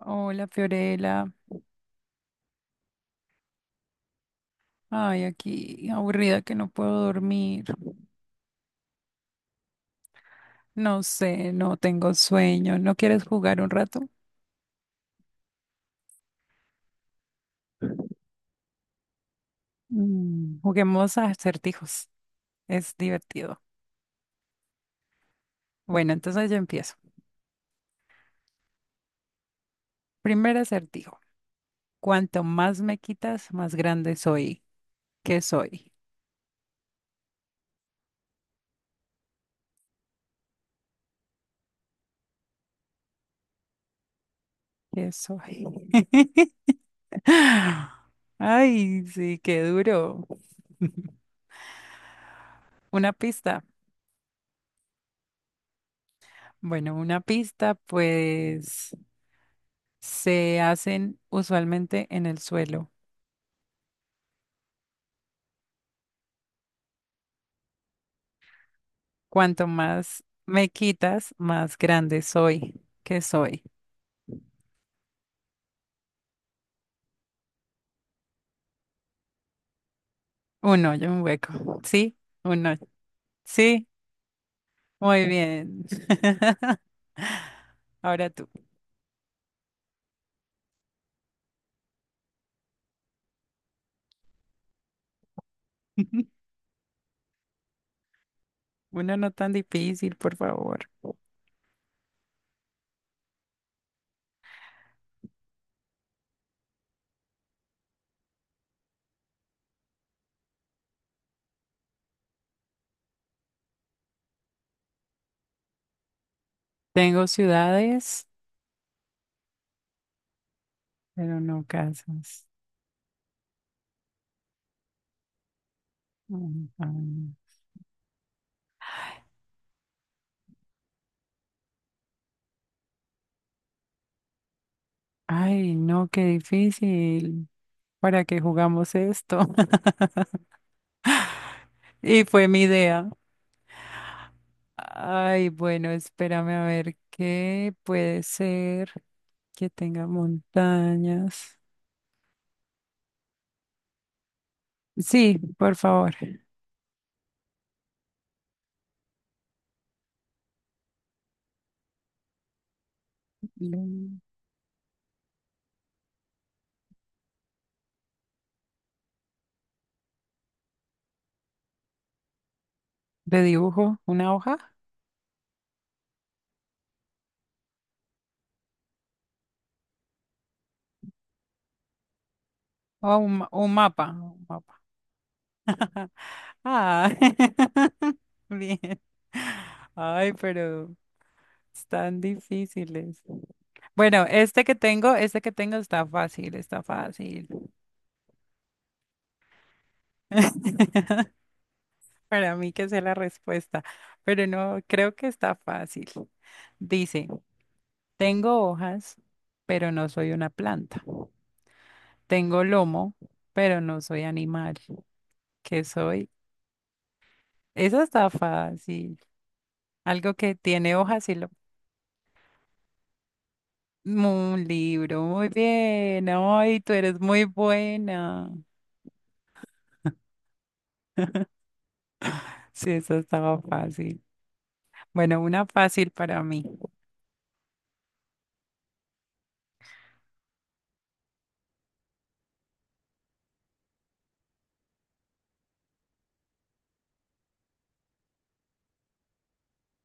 Hola, Fiorella. Ay, aquí aburrida que no puedo dormir. No sé, no tengo sueño. ¿No quieres jugar un rato? Juguemos a acertijos. Es divertido. Bueno, entonces yo empiezo. Primer acertijo. Cuanto más me quitas, más grande soy. ¿Qué soy? ¿Qué soy? Ay, sí, qué duro. Una pista. Bueno, una pista, pues, se hacen usualmente en el suelo. Cuanto más me quitas, más grande soy. ¿Qué soy? Un hoyo, un hueco. ¿Sí? Un hoyo. Sí, muy bien. Ahora tú. Uno no tan difícil, por favor. Tengo ciudades, pero no casas. Mm, mm. Ay, no, qué difícil. ¿Para qué jugamos esto? Y fue mi idea. Ay, bueno, espérame a ver qué puede ser que tenga montañas. Sí, por favor. Mm. ¿De dibujo? ¿Una hoja? ¿O un, un mapa? Un mapa. Ah, bien. Ay, pero están difíciles. Bueno, este que tengo está fácil, está fácil. Para mí que es la respuesta, pero no, creo que está fácil. Dice, tengo hojas, pero no soy una planta. Tengo lomo, pero no soy animal. ¿Qué soy? Eso está fácil. Algo que tiene hojas y lo... Un libro, muy bien. Ay, tú eres muy buena. Sí, eso estaba fácil. Bueno, una fácil para mí.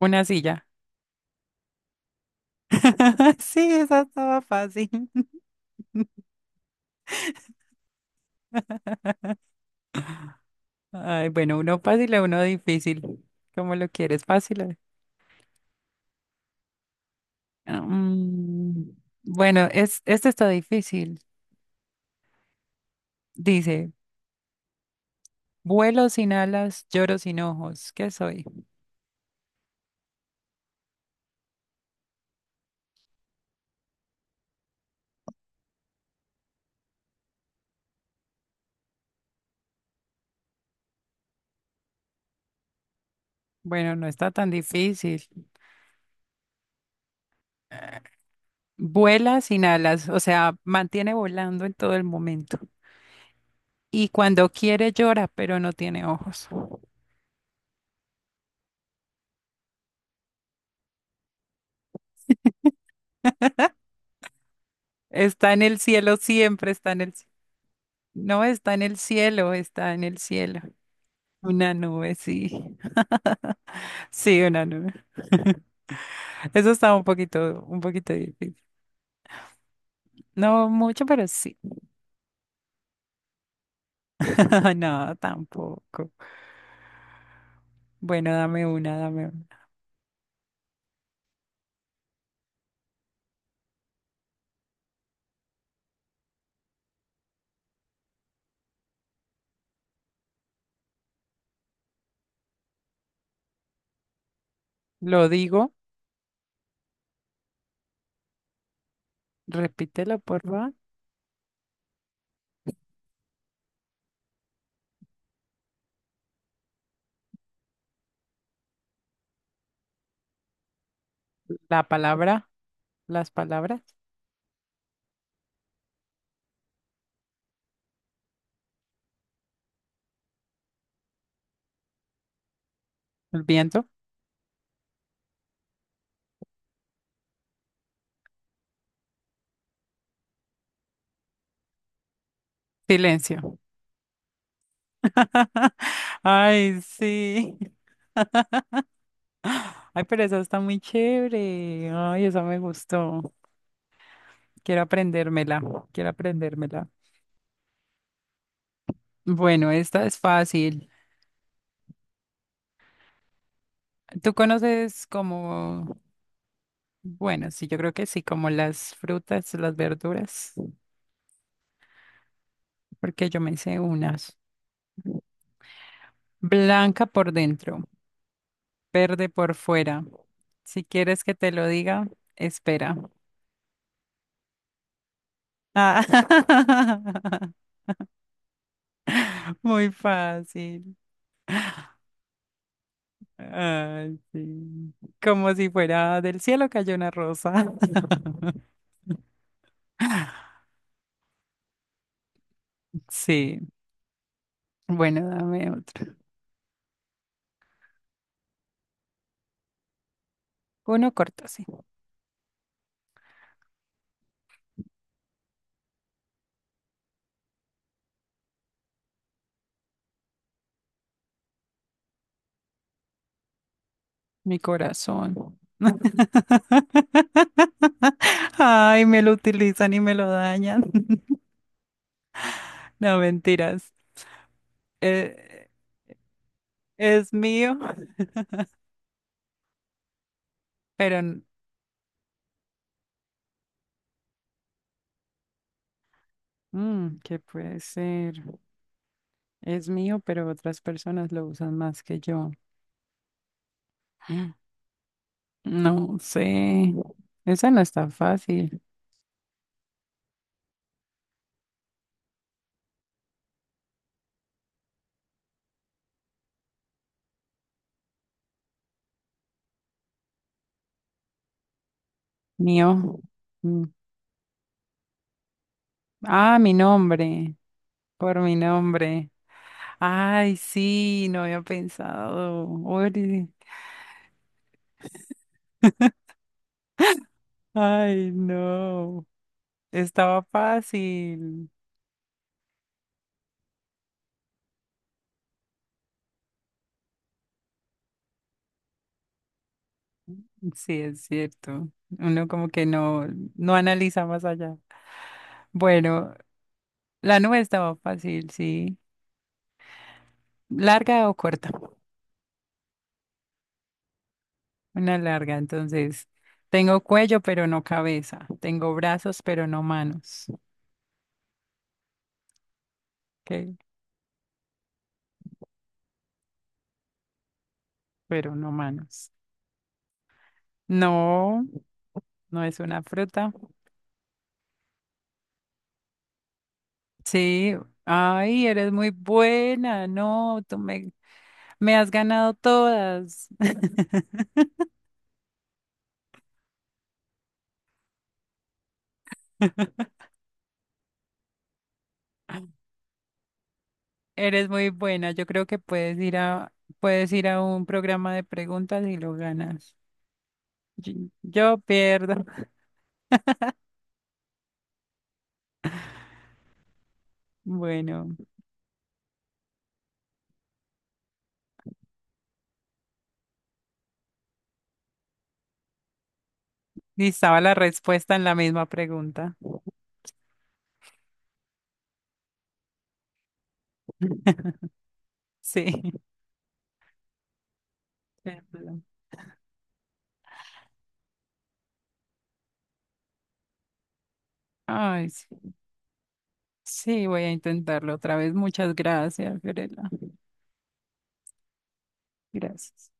Una silla. Sí, esa estaba fácil. Ay, bueno, uno fácil o uno difícil. ¿Cómo lo quieres? Fácil. Mm, bueno, es, este está difícil. Dice, vuelo sin alas, lloro sin ojos. ¿Qué soy? Bueno, no está tan difícil. Vuela sin alas, o sea, mantiene volando en todo el momento. Y cuando quiere llora, pero no tiene ojos. Está en el cielo, siempre está en el cielo. No está en el cielo, está en el cielo. Una nube, sí. Sí, una nube. Eso está un poquito difícil. No mucho, pero sí. No, tampoco. Bueno, dame una, dame una. Lo digo, repítelo, por favor. La palabra, las palabras, el viento, silencio. Ay, sí. Ay, pero esa está muy chévere. Ay, esa me gustó. Quiero aprendérmela, quiero aprendérmela. Bueno, esta es fácil. ¿Tú conoces como... Bueno, sí, yo creo que sí, como las frutas, las verduras, porque yo me hice unas. Blanca por dentro, verde por fuera. Si quieres que te lo diga, espera. Ah, muy fácil. Ay, sí. Como si fuera del cielo cayó una rosa. Sí. Bueno, dame otro. Uno corto, sí. Mi corazón. Ay, me lo utilizan y me lo dañan. No, mentiras. Eh, es mío, pero ¿qué puede ser? Es mío, pero otras personas lo usan más que yo. Mm, no sé. Esa no está fácil. Mío. Mm. Ah, mi nombre. Por mi nombre. Ay, sí, no había pensado. Ori. Ay, no. Estaba fácil. Sí, es cierto. Uno como que no, no analiza más allá. Bueno, la nube estaba fácil, sí. ¿Larga o corta? Una larga, entonces. Tengo cuello, pero no cabeza. Tengo brazos, pero no manos. ¿Ok? Pero no manos. No, no es una fruta. Sí. Ay, eres muy buena. No, tú me, me has ganado todas. Eres muy buena. Yo creo que puedes ir a un programa de preguntas y lo ganas. Yo, yo pierdo. Bueno, y estaba la respuesta en la misma pregunta. Sí. Perdón. Ay, sí. Sí, voy a intentarlo otra vez. Muchas gracias, Fiorella. Gracias.